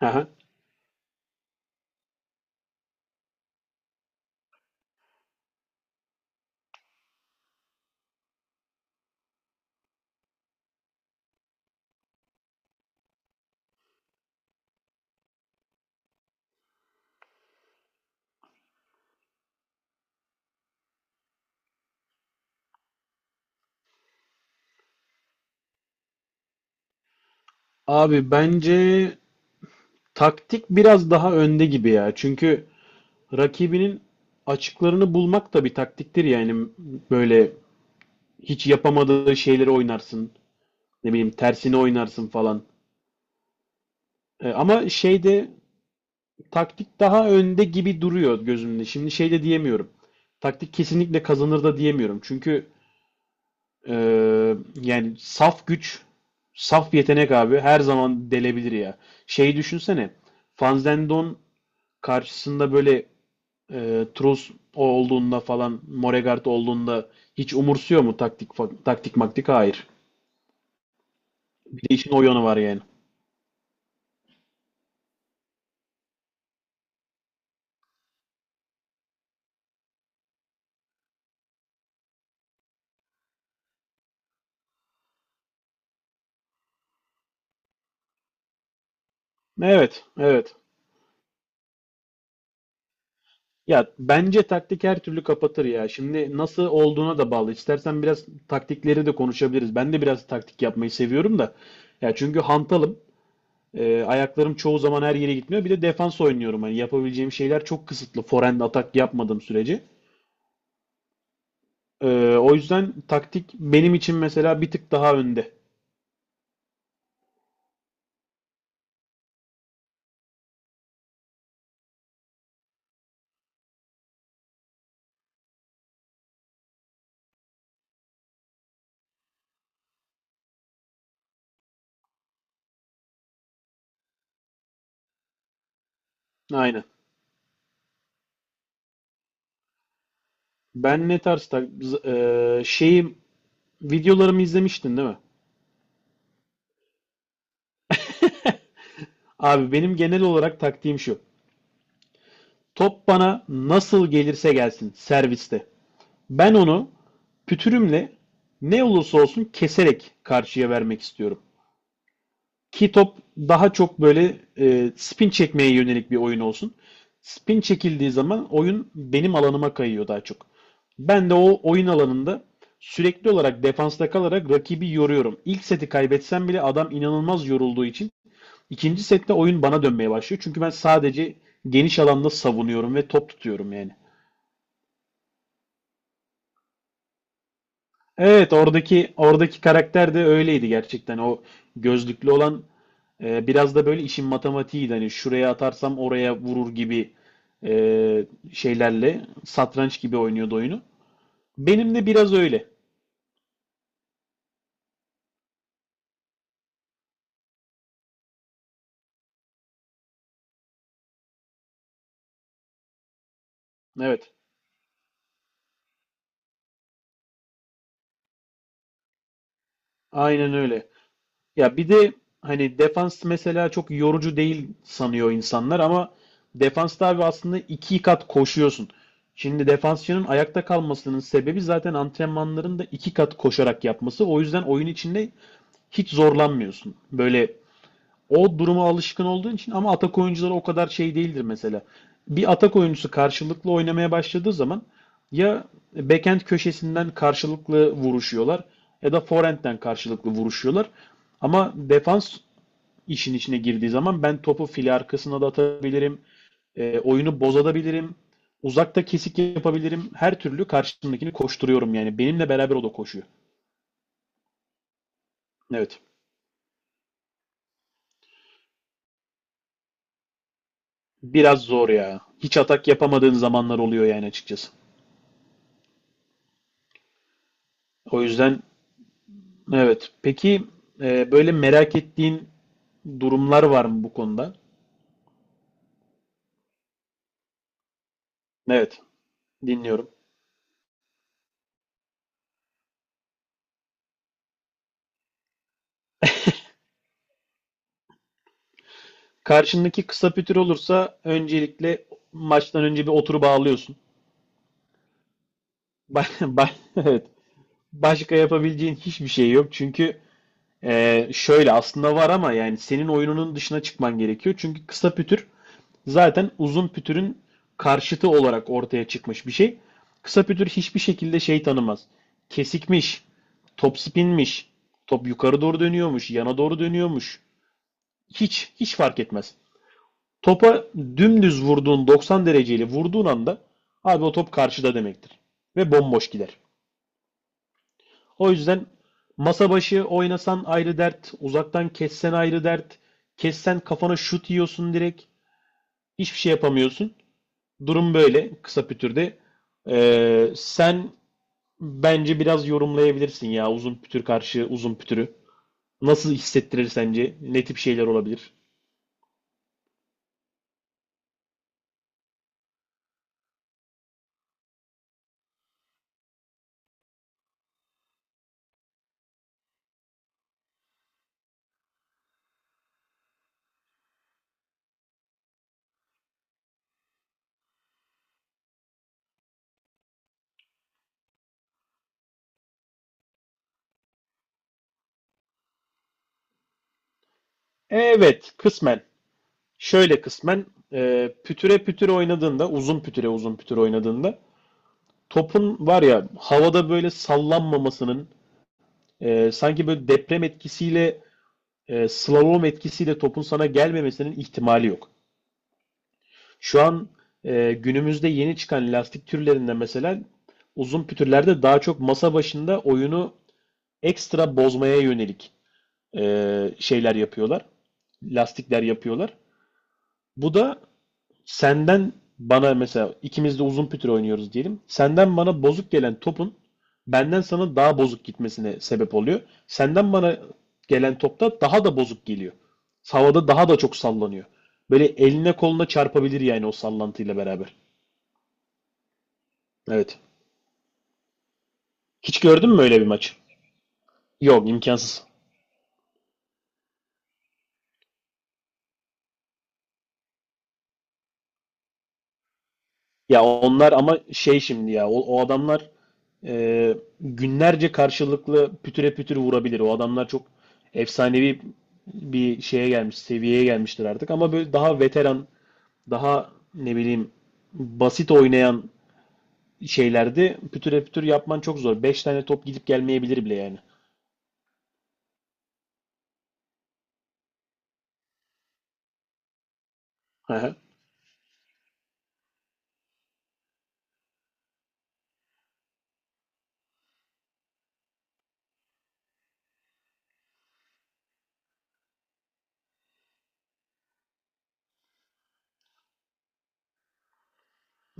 Aha. Abi bence taktik biraz daha önde gibi ya. Çünkü rakibinin açıklarını bulmak da bir taktiktir yani. Böyle hiç yapamadığı şeyleri oynarsın. Ne bileyim tersini oynarsın falan. E, ama şeyde taktik daha önde gibi duruyor gözümde. Şimdi şey de diyemiyorum. Taktik kesinlikle kazanır da diyemiyorum. Çünkü e, yani saf güç, saf yetenek abi her zaman delebilir ya. Şeyi düşünsene. Van Zendon karşısında böyle Trus olduğunda falan Moregard olduğunda hiç umursuyor mu taktik maktik? Hayır. Bir de işin o yanı var yani. Evet, evet. Ya bence taktik her türlü kapatır ya. Şimdi nasıl olduğuna da bağlı. İstersen biraz taktikleri de konuşabiliriz. Ben de biraz taktik yapmayı seviyorum da. Ya çünkü hantalım. Ayaklarım çoğu zaman her yere gitmiyor. Bir de defans oynuyorum. Hani yapabileceğim şeyler çok kısıtlı. Forehand atak yapmadığım sürece. O yüzden taktik benim için mesela bir tık daha önde. Aynen. Ben ne tarz tak z- Şeyim, videolarımı izlemiştin değil mi? Abi benim genel olarak taktiğim şu. Top bana nasıl gelirse gelsin serviste. Ben onu pütürümle ne olursa olsun keserek karşıya vermek istiyorum. Ki top daha çok böyle spin çekmeye yönelik bir oyun olsun. Spin çekildiği zaman oyun benim alanıma kayıyor daha çok. Ben de o oyun alanında sürekli olarak defansta kalarak rakibi yoruyorum. İlk seti kaybetsem bile adam inanılmaz yorulduğu için ikinci sette oyun bana dönmeye başlıyor. Çünkü ben sadece geniş alanda savunuyorum ve top tutuyorum yani. Evet, oradaki karakter de öyleydi gerçekten. O gözlüklü olan, biraz da böyle işin matematiğiydi. Hani şuraya atarsam oraya vurur gibi e, şeylerle satranç gibi oynuyordu oyunu. Benim de biraz öyle. Evet. Aynen öyle. Ya bir de hani defans mesela çok yorucu değil sanıyor insanlar ama defansta abi aslında iki kat koşuyorsun. Şimdi defansçının ayakta kalmasının sebebi zaten antrenmanların da iki kat koşarak yapması. O yüzden oyun içinde hiç zorlanmıyorsun. Böyle o duruma alışkın olduğun için ama atak oyuncuları o kadar şey değildir mesela. Bir atak oyuncusu karşılıklı oynamaya başladığı zaman ya backend köşesinden karşılıklı vuruşuyorlar ya da forehand'den karşılıklı vuruşuyorlar. Ama defans işin içine girdiği zaman ben topu file arkasına da atabilirim, oyunu bozabilirim, uzakta kesik yapabilirim. Her türlü karşımdakini koşturuyorum yani. Benimle beraber o da koşuyor. Evet. Biraz zor ya. Hiç atak yapamadığın zamanlar oluyor yani açıkçası. O yüzden evet. Peki böyle merak ettiğin durumlar var mı bu konuda? Evet, dinliyorum. Karşındaki kısa pütür olursa öncelikle maçtan önce bir oturup ağlıyorsun. Ba- ba- Evet. Başka yapabileceğin hiçbir şey yok. Çünkü şöyle aslında var ama yani senin oyununun dışına çıkman gerekiyor. Çünkü kısa pütür zaten uzun pütürün karşıtı olarak ortaya çıkmış bir şey. Kısa pütür hiçbir şekilde şey tanımaz. Kesikmiş, top spinmiş, top yukarı doğru dönüyormuş, yana doğru dönüyormuş. Hiç fark etmez. Topa dümdüz vurduğun, 90 dereceyle vurduğun anda abi o top karşıda demektir. Ve bomboş gider. O yüzden masa başı oynasan ayrı dert, uzaktan kessen ayrı dert, kessen kafana şut yiyorsun direkt. Hiçbir şey yapamıyorsun. Durum böyle kısa pütürde. Sen bence biraz yorumlayabilirsin ya uzun pütür karşı uzun pütürü. Nasıl hissettirir sence? Ne tip şeyler olabilir? Evet, kısmen. Şöyle kısmen, pütüre pütüre oynadığında, uzun pütüre uzun pütüre oynadığında topun var ya havada böyle sallanmamasının, sanki böyle deprem etkisiyle, slalom etkisiyle topun sana gelmemesinin ihtimali yok. Şu an Günümüzde yeni çıkan lastik türlerinden mesela uzun pütürlerde daha çok masa başında oyunu ekstra bozmaya yönelik şeyler yapıyorlar. Lastikler yapıyorlar. Bu da senden bana, mesela ikimiz de uzun pütür oynuyoruz diyelim, senden bana bozuk gelen topun benden sana daha bozuk gitmesine sebep oluyor. Senden bana gelen topta daha da bozuk geliyor. Havada daha da çok sallanıyor. Böyle eline koluna çarpabilir yani o sallantıyla beraber. Evet. Hiç gördün mü öyle bir maç? Yok, imkansız. Ya onlar ama şey şimdi ya o adamlar günlerce karşılıklı pütüre pütür vurabilir. O adamlar çok efsanevi bir şeye gelmiş, seviyeye gelmiştir artık. Ama böyle daha veteran, daha ne bileyim basit oynayan şeylerde pütüre pütür yapman çok zor. 5 tane top gidip gelmeyebilir bile yani. Aha.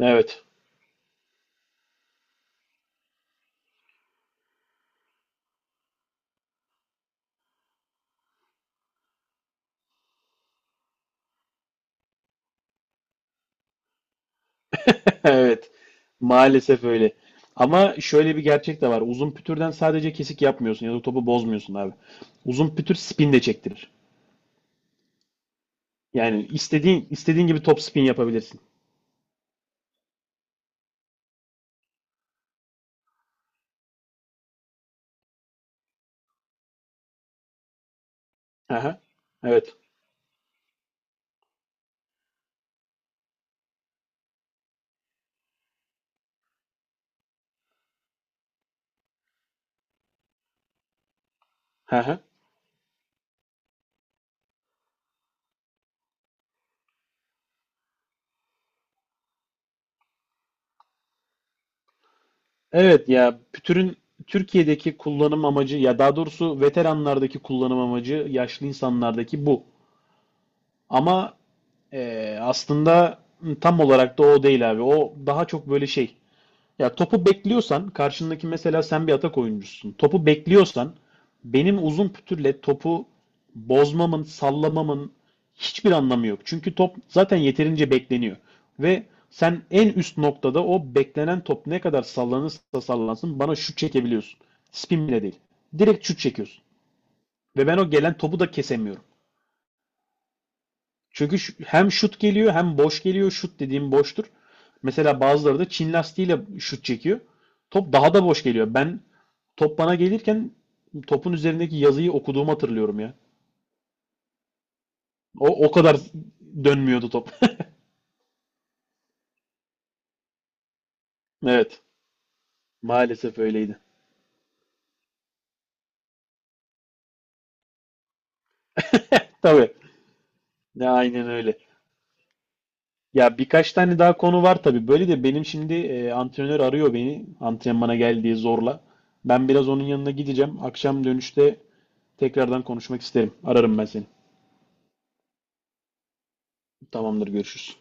Evet. Evet. Maalesef öyle. Ama şöyle bir gerçek de var. Uzun pütürden sadece kesik yapmıyorsun ya da topu bozmuyorsun abi. Uzun pütür spin de çektirir. Yani istediğin gibi top spin yapabilirsin. Aha. Evet. Aha. Evet ya, pütürün Türkiye'deki kullanım amacı, ya daha doğrusu veteranlardaki kullanım amacı, yaşlı insanlardaki bu. Ama aslında tam olarak da o değil abi. O daha çok böyle şey. Ya topu bekliyorsan karşındaki, mesela sen bir atak oyuncusun, topu bekliyorsan benim uzun pütürle topu bozmamın, sallamamın hiçbir anlamı yok. Çünkü top zaten yeterince bekleniyor. Ve sen en üst noktada o beklenen top ne kadar sallanırsa sallansın bana şut çekebiliyorsun. Spin bile değil. Direkt şut çekiyorsun. Ve ben o gelen topu da kesemiyorum. Çünkü hem şut geliyor hem boş geliyor. Şut dediğim boştur. Mesela bazıları da Çin lastiğiyle şut çekiyor. Top daha da boş geliyor. Ben top bana gelirken topun üzerindeki yazıyı okuduğumu hatırlıyorum ya. O kadar dönmüyordu top. Evet. Maalesef öyleydi. Tabii. Ya aynen öyle. Ya birkaç tane daha konu var tabii. Böyle de benim şimdi antrenör arıyor beni. Antrenmana gel diye zorla. Ben biraz onun yanına gideceğim. Akşam dönüşte tekrardan konuşmak isterim. Ararım ben seni. Tamamdır, görüşürüz.